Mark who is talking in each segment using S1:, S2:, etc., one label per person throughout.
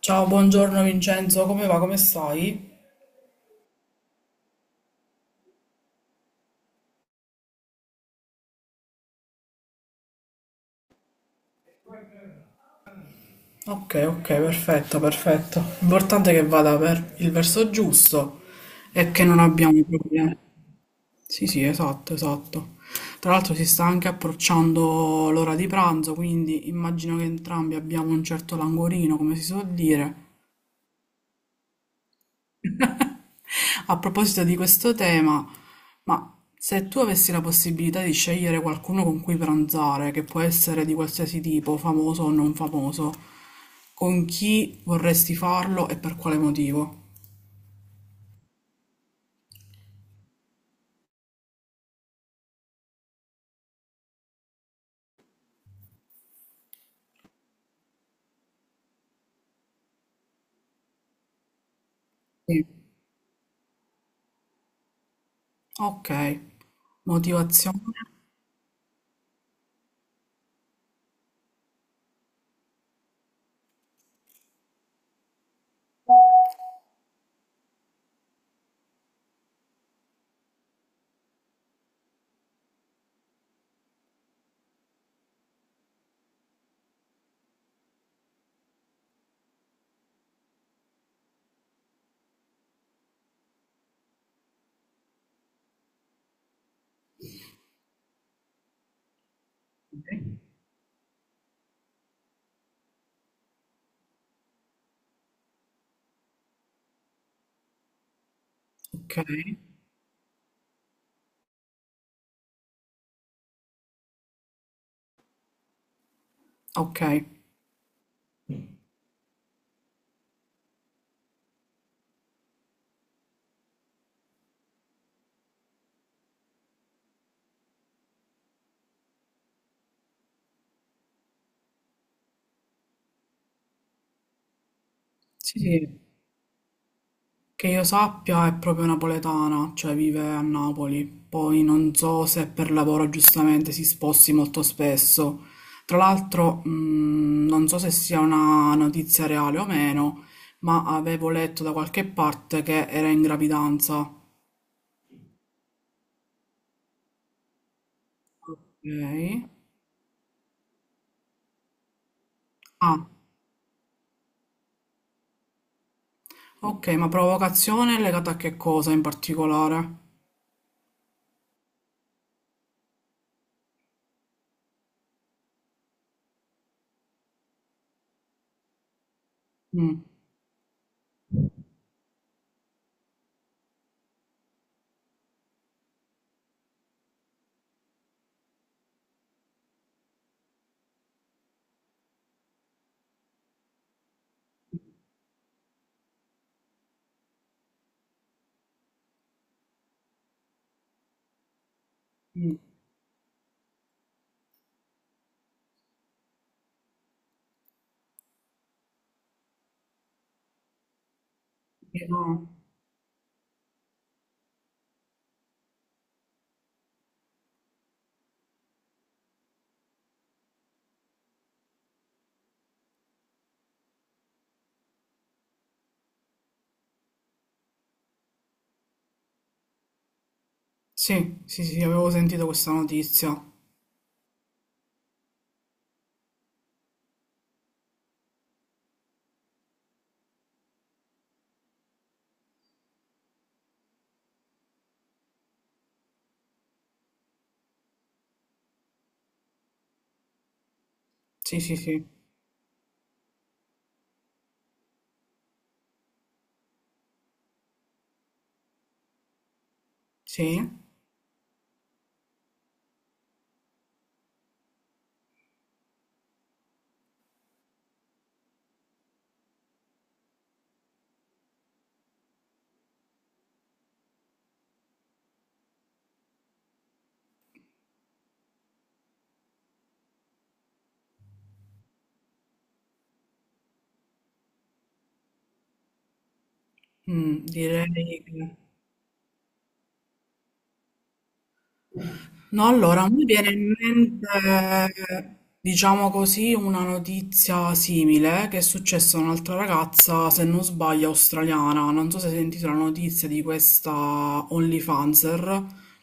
S1: Ciao, buongiorno Vincenzo, come va? Come stai? Ok, ok, perfetto, perfetto. L'importante è che vada per il verso giusto e che non abbiamo problemi. Sì, sì, esatto, esatto. Tra l'altro si sta anche approcciando l'ora di pranzo, quindi immagino che entrambi abbiamo un certo languorino, come si suol dire. A proposito di questo tema, ma se tu avessi la possibilità di scegliere qualcuno con cui pranzare, che può essere di qualsiasi tipo, famoso o non famoso, con chi vorresti farlo e per quale motivo? Ok, motivazione. Ok, ok. Sì, sì. Che io sappia è proprio napoletana, cioè vive a Napoli. Poi non so se per lavoro giustamente si sposti molto spesso. Tra l'altro, non so se sia una notizia reale o meno, ma avevo letto da qualche parte che era in gravidanza. Ok. Ah, ok, ma provocazione è legata a che cosa in particolare? Mm, mm, no. Sì, sì, sì, avevo sentito questa notizia. Sì, sì, sì. Sì, mm, direi che No, allora, mi viene in mente, diciamo così, una notizia simile che è successa a un'altra ragazza, se non sbaglio, australiana. Non so se hai sentito la notizia di questa OnlyFanser,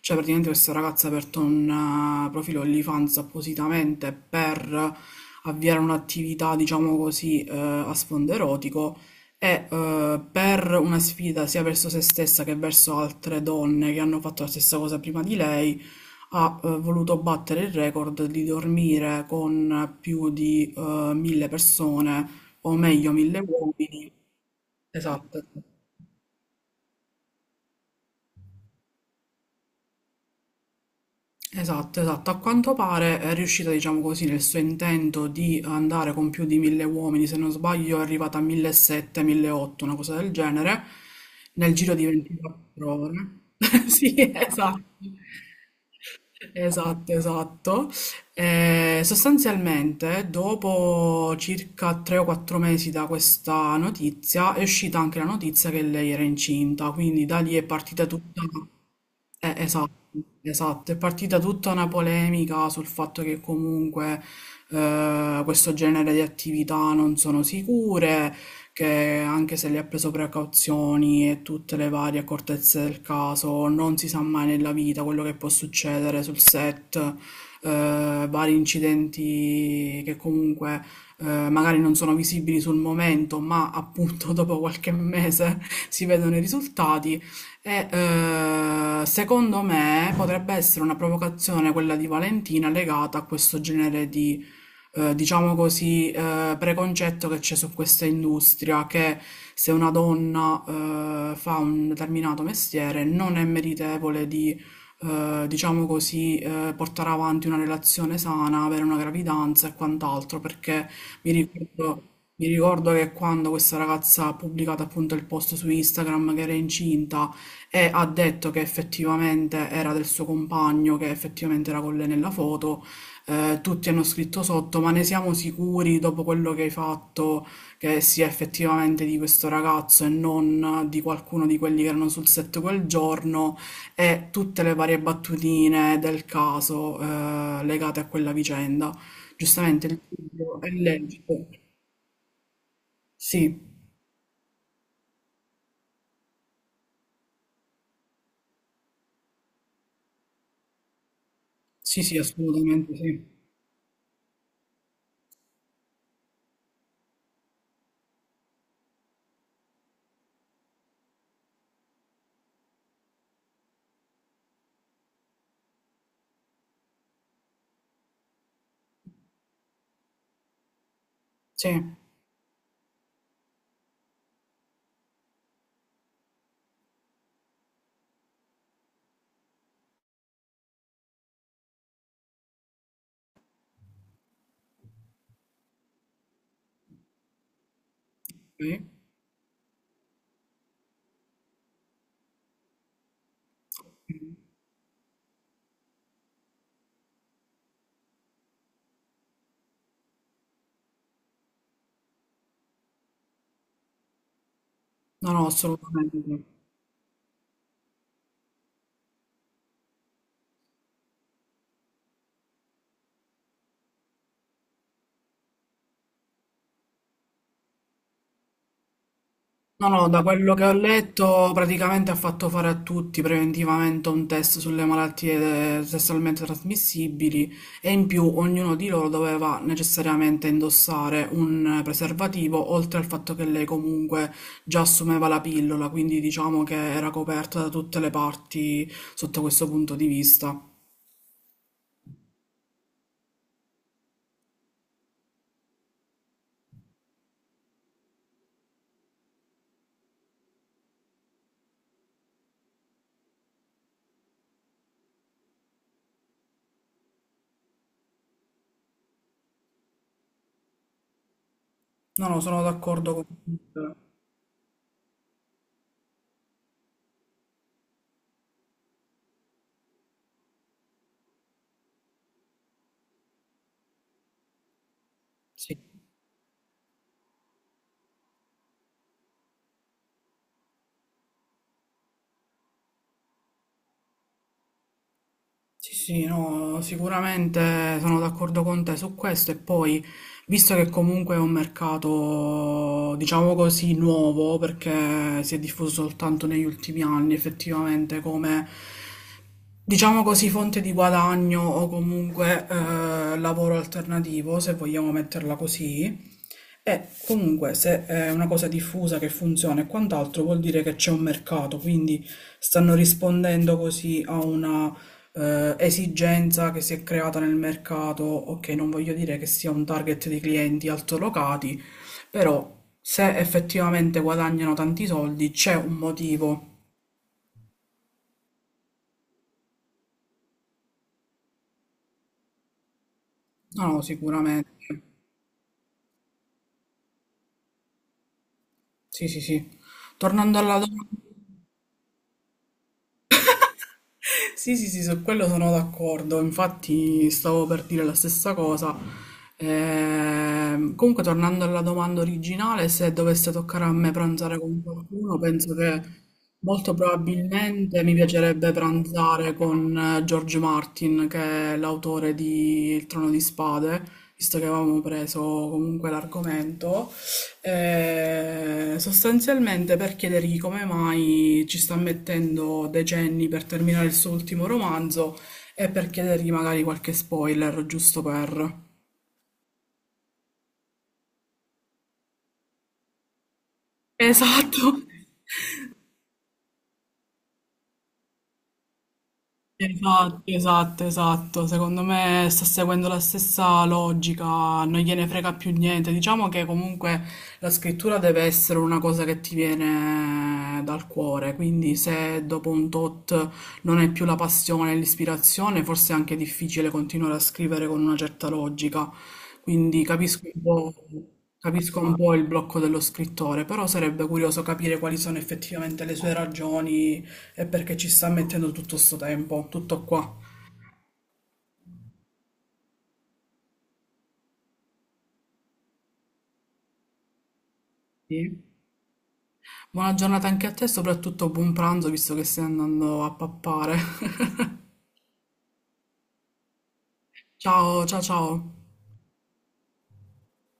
S1: cioè praticamente questa ragazza ha aperto un profilo OnlyFans appositamente per avviare un'attività, diciamo così, a sfondo erotico e per una sfida sia verso se stessa che verso altre donne che hanno fatto la stessa cosa prima di lei ha voluto battere il record di dormire con più di 1000 persone, o meglio 1000 uomini. Esatto. Esatto, esatto. A quanto pare è riuscita, diciamo così, nel suo intento di andare con più di mille uomini, se non sbaglio è arrivata a 1700, 1800, una cosa del genere, nel giro di 24 ore. Sì, esatto. Esatto, esatto. Sostanzialmente, dopo circa tre o quattro mesi da questa notizia, è uscita anche la notizia che lei era incinta, quindi da lì è partita tutta. Esatto, esatto, è partita tutta una polemica sul fatto che comunque questo genere di attività non sono sicure, che anche se le ha preso precauzioni e tutte le varie accortezze del caso, non si sa mai nella vita quello che può succedere sul set, vari incidenti che comunque magari non sono visibili sul momento, ma appunto dopo qualche mese si vedono i risultati. E secondo me potrebbe essere una provocazione quella di Valentina legata a questo genere di diciamo così, preconcetto che c'è su questa industria, che se una donna fa un determinato mestiere non è meritevole di diciamo così, portare avanti una relazione sana, avere una gravidanza e quant'altro, perché mi ricordo... Mi ricordo che quando questa ragazza ha pubblicato appunto il post su Instagram che era incinta, e ha detto che effettivamente era del suo compagno, che effettivamente era con lei nella foto. Tutti hanno scritto sotto, ma ne siamo sicuri dopo quello che hai fatto che sia effettivamente di questo ragazzo e non di qualcuno di quelli che erano sul set quel giorno e tutte le varie battutine del caso legate a quella vicenda. Giustamente il dubbio è lecito. Sì, sì, sì, assolutamente sì. Sì, sì. No, no, assolutamente. Sì. No, no, da quello che ho letto praticamente ha fatto fare a tutti preventivamente un test sulle malattie sessualmente trasmissibili e in più ognuno di loro doveva necessariamente indossare un preservativo, oltre al fatto che lei comunque già assumeva la pillola, quindi diciamo che era coperta da tutte le parti sotto questo punto di vista. No, no, sono d'accordo con te. Sì. Sì, sì, no, sicuramente sono d'accordo con te su questo e poi, visto che comunque è un mercato, diciamo così, nuovo, perché si è diffuso soltanto negli ultimi anni effettivamente come, diciamo così, fonte di guadagno o comunque lavoro alternativo, se vogliamo metterla così, e comunque se è una cosa diffusa che funziona e quant'altro vuol dire che c'è un mercato, quindi stanno rispondendo così a una esigenza che si è creata nel mercato. Ok, non voglio dire che sia un target di clienti altolocati, però se effettivamente guadagnano tanti soldi c'è un motivo. No, no, sicuramente. Sì, sì, sì. Tornando alla domanda. Sì, sì, sì, su quello sono d'accordo. Infatti stavo per dire la stessa cosa. Comunque, tornando alla domanda originale, se dovesse toccare a me pranzare con qualcuno, penso che molto probabilmente mi piacerebbe pranzare con George Martin, che è l'autore di Il Trono di Spade, visto che avevamo preso comunque l'argomento. Sostanzialmente per chiedergli come mai ci sta mettendo decenni per terminare il suo ultimo romanzo e per chiedergli magari qualche spoiler, giusto per... Esatto. Esatto, esatto, esatto. Secondo me sta seguendo la stessa logica, non gliene frega più niente. Diciamo che comunque la scrittura deve essere una cosa che ti viene dal cuore, quindi se dopo un tot non è più la passione e l'ispirazione, forse è anche difficile continuare a scrivere con una certa logica. Quindi capisco un po' il blocco dello scrittore, però sarebbe curioso capire quali sono effettivamente le sue ragioni è perché ci sta mettendo tutto sto tempo, tutto qua. Sì. Buona giornata anche a te, soprattutto buon pranzo, visto che stai andando a pappare. Ciao, ciao, ciao.